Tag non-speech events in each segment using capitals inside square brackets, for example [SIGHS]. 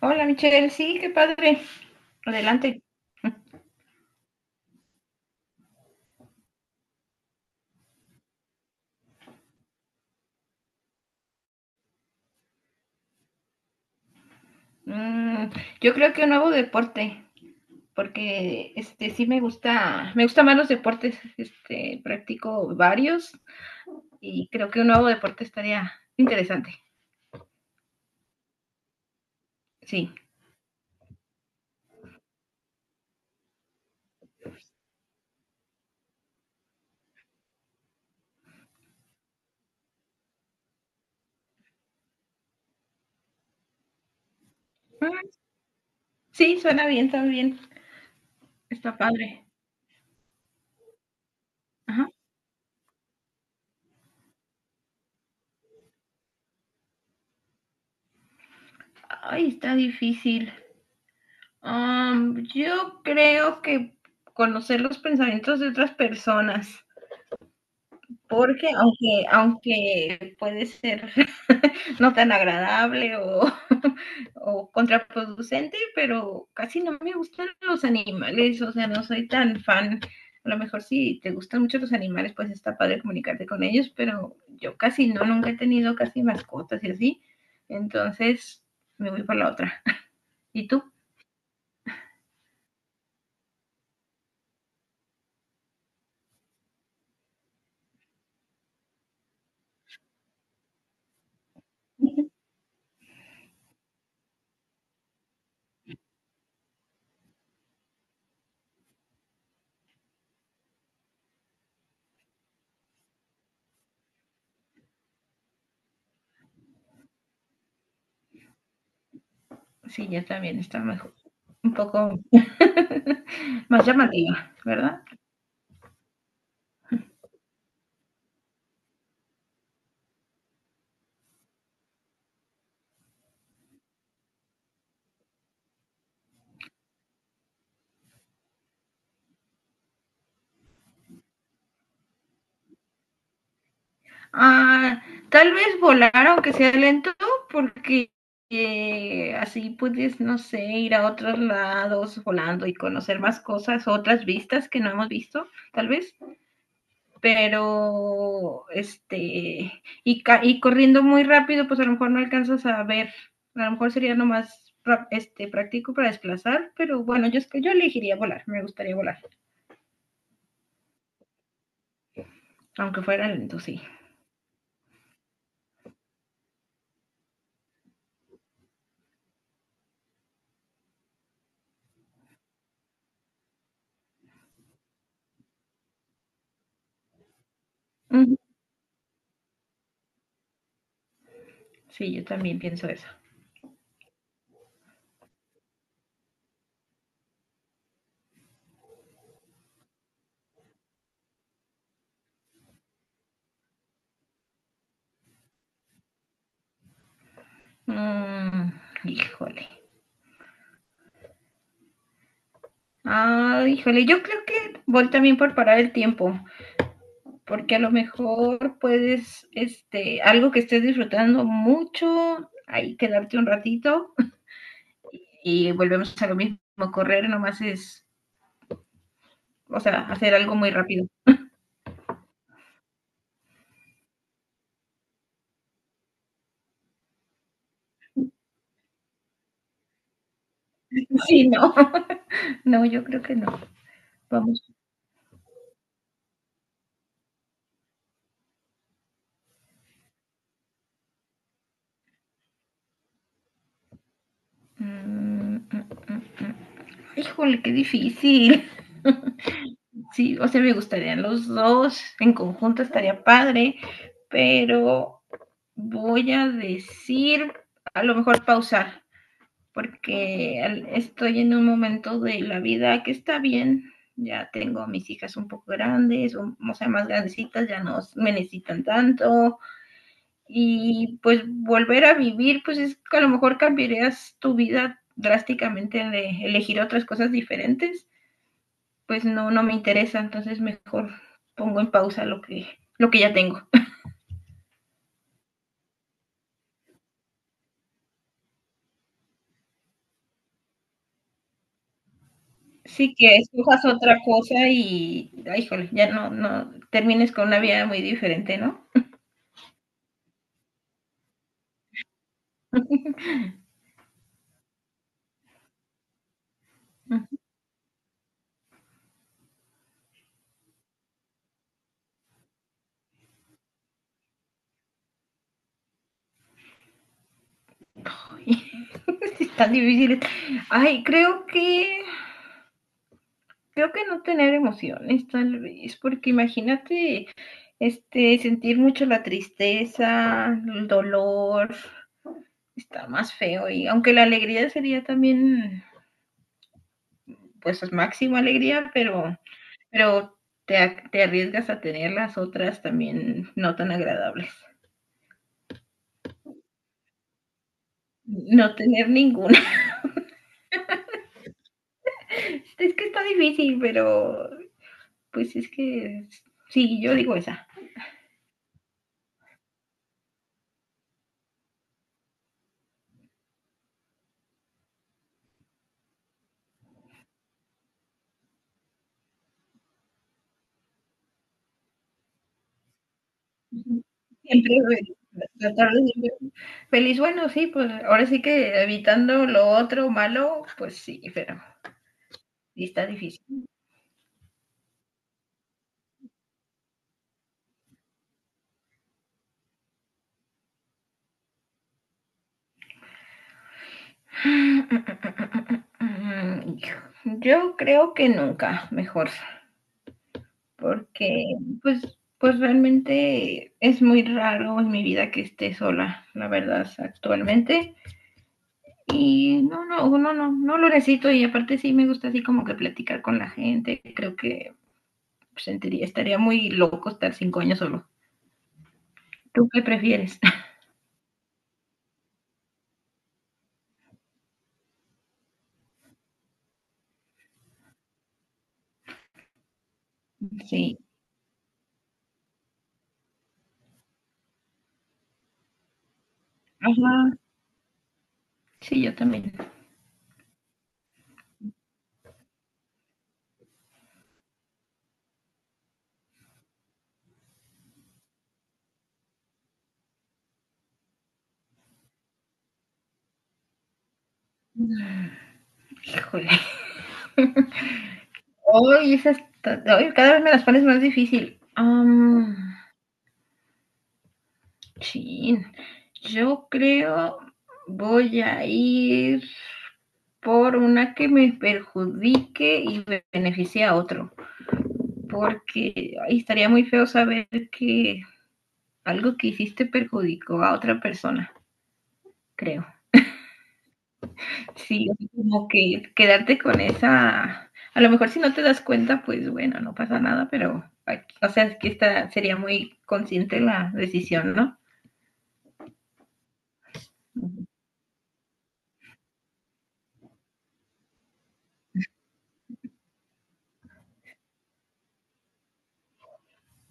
Hola Michelle, sí, qué padre. Adelante. Mm, yo creo que un nuevo deporte, porque este sí me gusta, me gustan más los deportes, este, practico varios y creo que un nuevo deporte estaría interesante. Sí. Mm. Sí, suena bien también. Está padre. Ajá. Ay, está difícil. Yo creo que conocer los pensamientos de otras personas, porque aunque puede ser no tan agradable o, [LAUGHS] o, contraproducente, pero casi no me gustan los animales, o sea, no soy tan fan. A lo mejor si te gustan mucho los animales, pues está padre comunicarte con ellos, pero yo casi no, nunca he tenido casi mascotas y así. Entonces me voy por la otra. [LAUGHS] ¿Y tú? Sí, ya también está mejor, un poco [LAUGHS] más llamativa, ¿verdad? Ah, tal vez volar, aunque sea lento, porque así puedes, no sé, ir a otros lados volando y conocer más cosas, otras vistas que no hemos visto, tal vez. Pero, este, y, y corriendo muy rápido, pues a lo mejor no alcanzas a ver. A lo mejor sería lo más este, práctico para desplazar, pero bueno, yo, es que yo elegiría volar, me gustaría volar, aunque fuera lento, sí. Ujú. Sí, yo también pienso eso. Mm, híjole. Ah, híjole, yo creo que voy también por parar el tiempo, porque a lo mejor puedes, este, algo que estés disfrutando mucho, ahí quedarte un ratito y volvemos a lo mismo, correr nomás es, o sea, hacer algo muy rápido. [LAUGHS] Sí, no, [LAUGHS] no, yo creo que no. Vamos. Mm, mm, mm, mm. Híjole, qué difícil. Sí, o sea, me gustarían los dos, en conjunto estaría padre, pero voy a decir, a lo mejor pausar, porque estoy en un momento de la vida que está bien, ya tengo a mis hijas un poco grandes, o sea, más grandecitas, ya no me necesitan tanto, y pues volver a vivir, pues es que a lo mejor cambiarías tu vida drásticamente de elegir otras cosas diferentes, pues no, no me interesa, entonces mejor pongo en pausa lo que ya tengo. Sí, que escojas otra cosa y, ay, híjole, ya no, no, termines con una vida muy diferente, ¿no? [LAUGHS] Es tan difícil. [LAUGHS] Ay, creo que no tener emociones, tal vez, porque imagínate, este, sentir mucho la tristeza, el dolor, está más feo y aunque la alegría sería también, pues, máxima alegría, pero te, te arriesgas a tener las otras también no tan agradables. No tener ninguna. [LAUGHS] Es que está difícil, pero pues es que sí, yo digo esa. Ujú. Siempre bueno, tratar de siempre feliz, bueno, sí, pues ahora sí que evitando lo otro malo, pues sí, pero sí está difícil. [SIGHS] Yo creo que nunca, mejor. Porque pues, pues realmente es muy raro en mi vida que esté sola, la verdad, actualmente. Y no, no, no, no, no lo necesito y aparte sí me gusta así como que platicar con la gente. Creo que sentiría, estaría muy loco estar 5 años solo. ¿Tú qué prefieres? [LAUGHS] Sí. Ajá. Sí, yo también. Híjole. [LAUGHS] Hoy esas, hoy cada vez me las pones más difícil. Chin, yo creo voy a ir por una que me perjudique y beneficie a otro, porque ay, estaría muy feo saber que algo que hiciste perjudicó a otra persona, creo. Sí, como que quedarte con esa, a lo mejor si no te das cuenta, pues bueno, no pasa nada, pero, o sea, es que esta sería muy consciente la decisión, ¿no?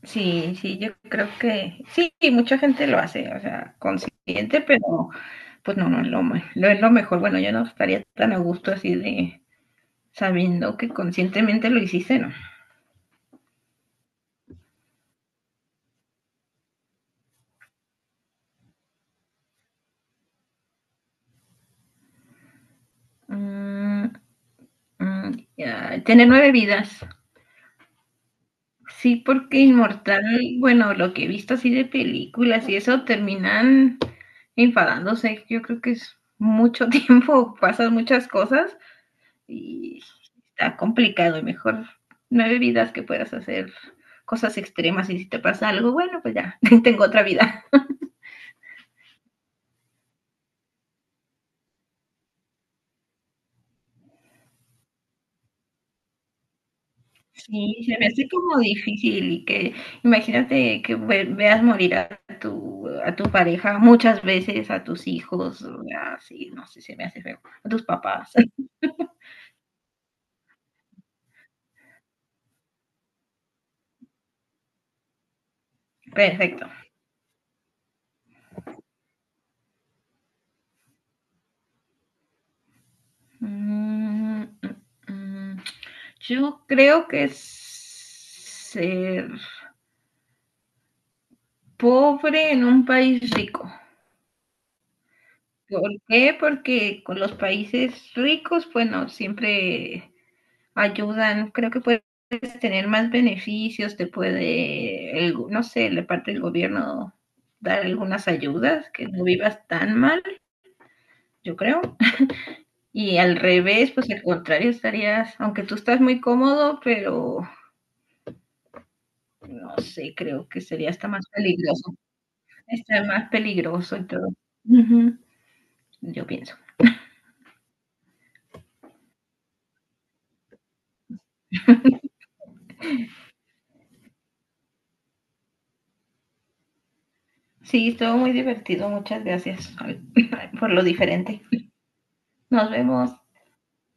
Sí, sí, yo creo que sí, mucha gente lo hace, o sea, consciente, pero pues no, no es lo, no es lo mejor. Bueno, yo no estaría tan a gusto así de sabiendo que conscientemente lo hiciste, ¿no? Mm, mm, ya, tiene nueve vidas. Sí, porque inmortal, bueno, lo que he visto así de películas y eso terminan enfadándose. Yo creo que es mucho [LAUGHS] tiempo, pasan muchas cosas y está complicado y mejor nueve vidas que puedas hacer cosas extremas y si te pasa algo, bueno, pues ya, [LAUGHS] tengo otra vida. Sí, se me hace como difícil y que imagínate que veas morir a tu pareja muchas veces, a tus hijos, o sea, sí, no sé, se me hace feo, a tus papás. [LAUGHS] Perfecto. Mm, mm, mm. Yo creo que es ser pobre en un país rico. ¿Por qué? Porque con los países ricos, bueno, siempre ayudan, creo que puedes tener más beneficios, te puede, no sé, la parte del gobierno dar algunas ayudas, que no vivas tan mal, yo creo. Y al revés, pues al contrario, estarías, aunque tú estás muy cómodo, pero no sé, creo que sería hasta más peligroso, está más peligroso y todo. Ujú, yo pienso. Sí, estuvo muy divertido. Muchas gracias [LAUGHS] por lo diferente. Nos vemos.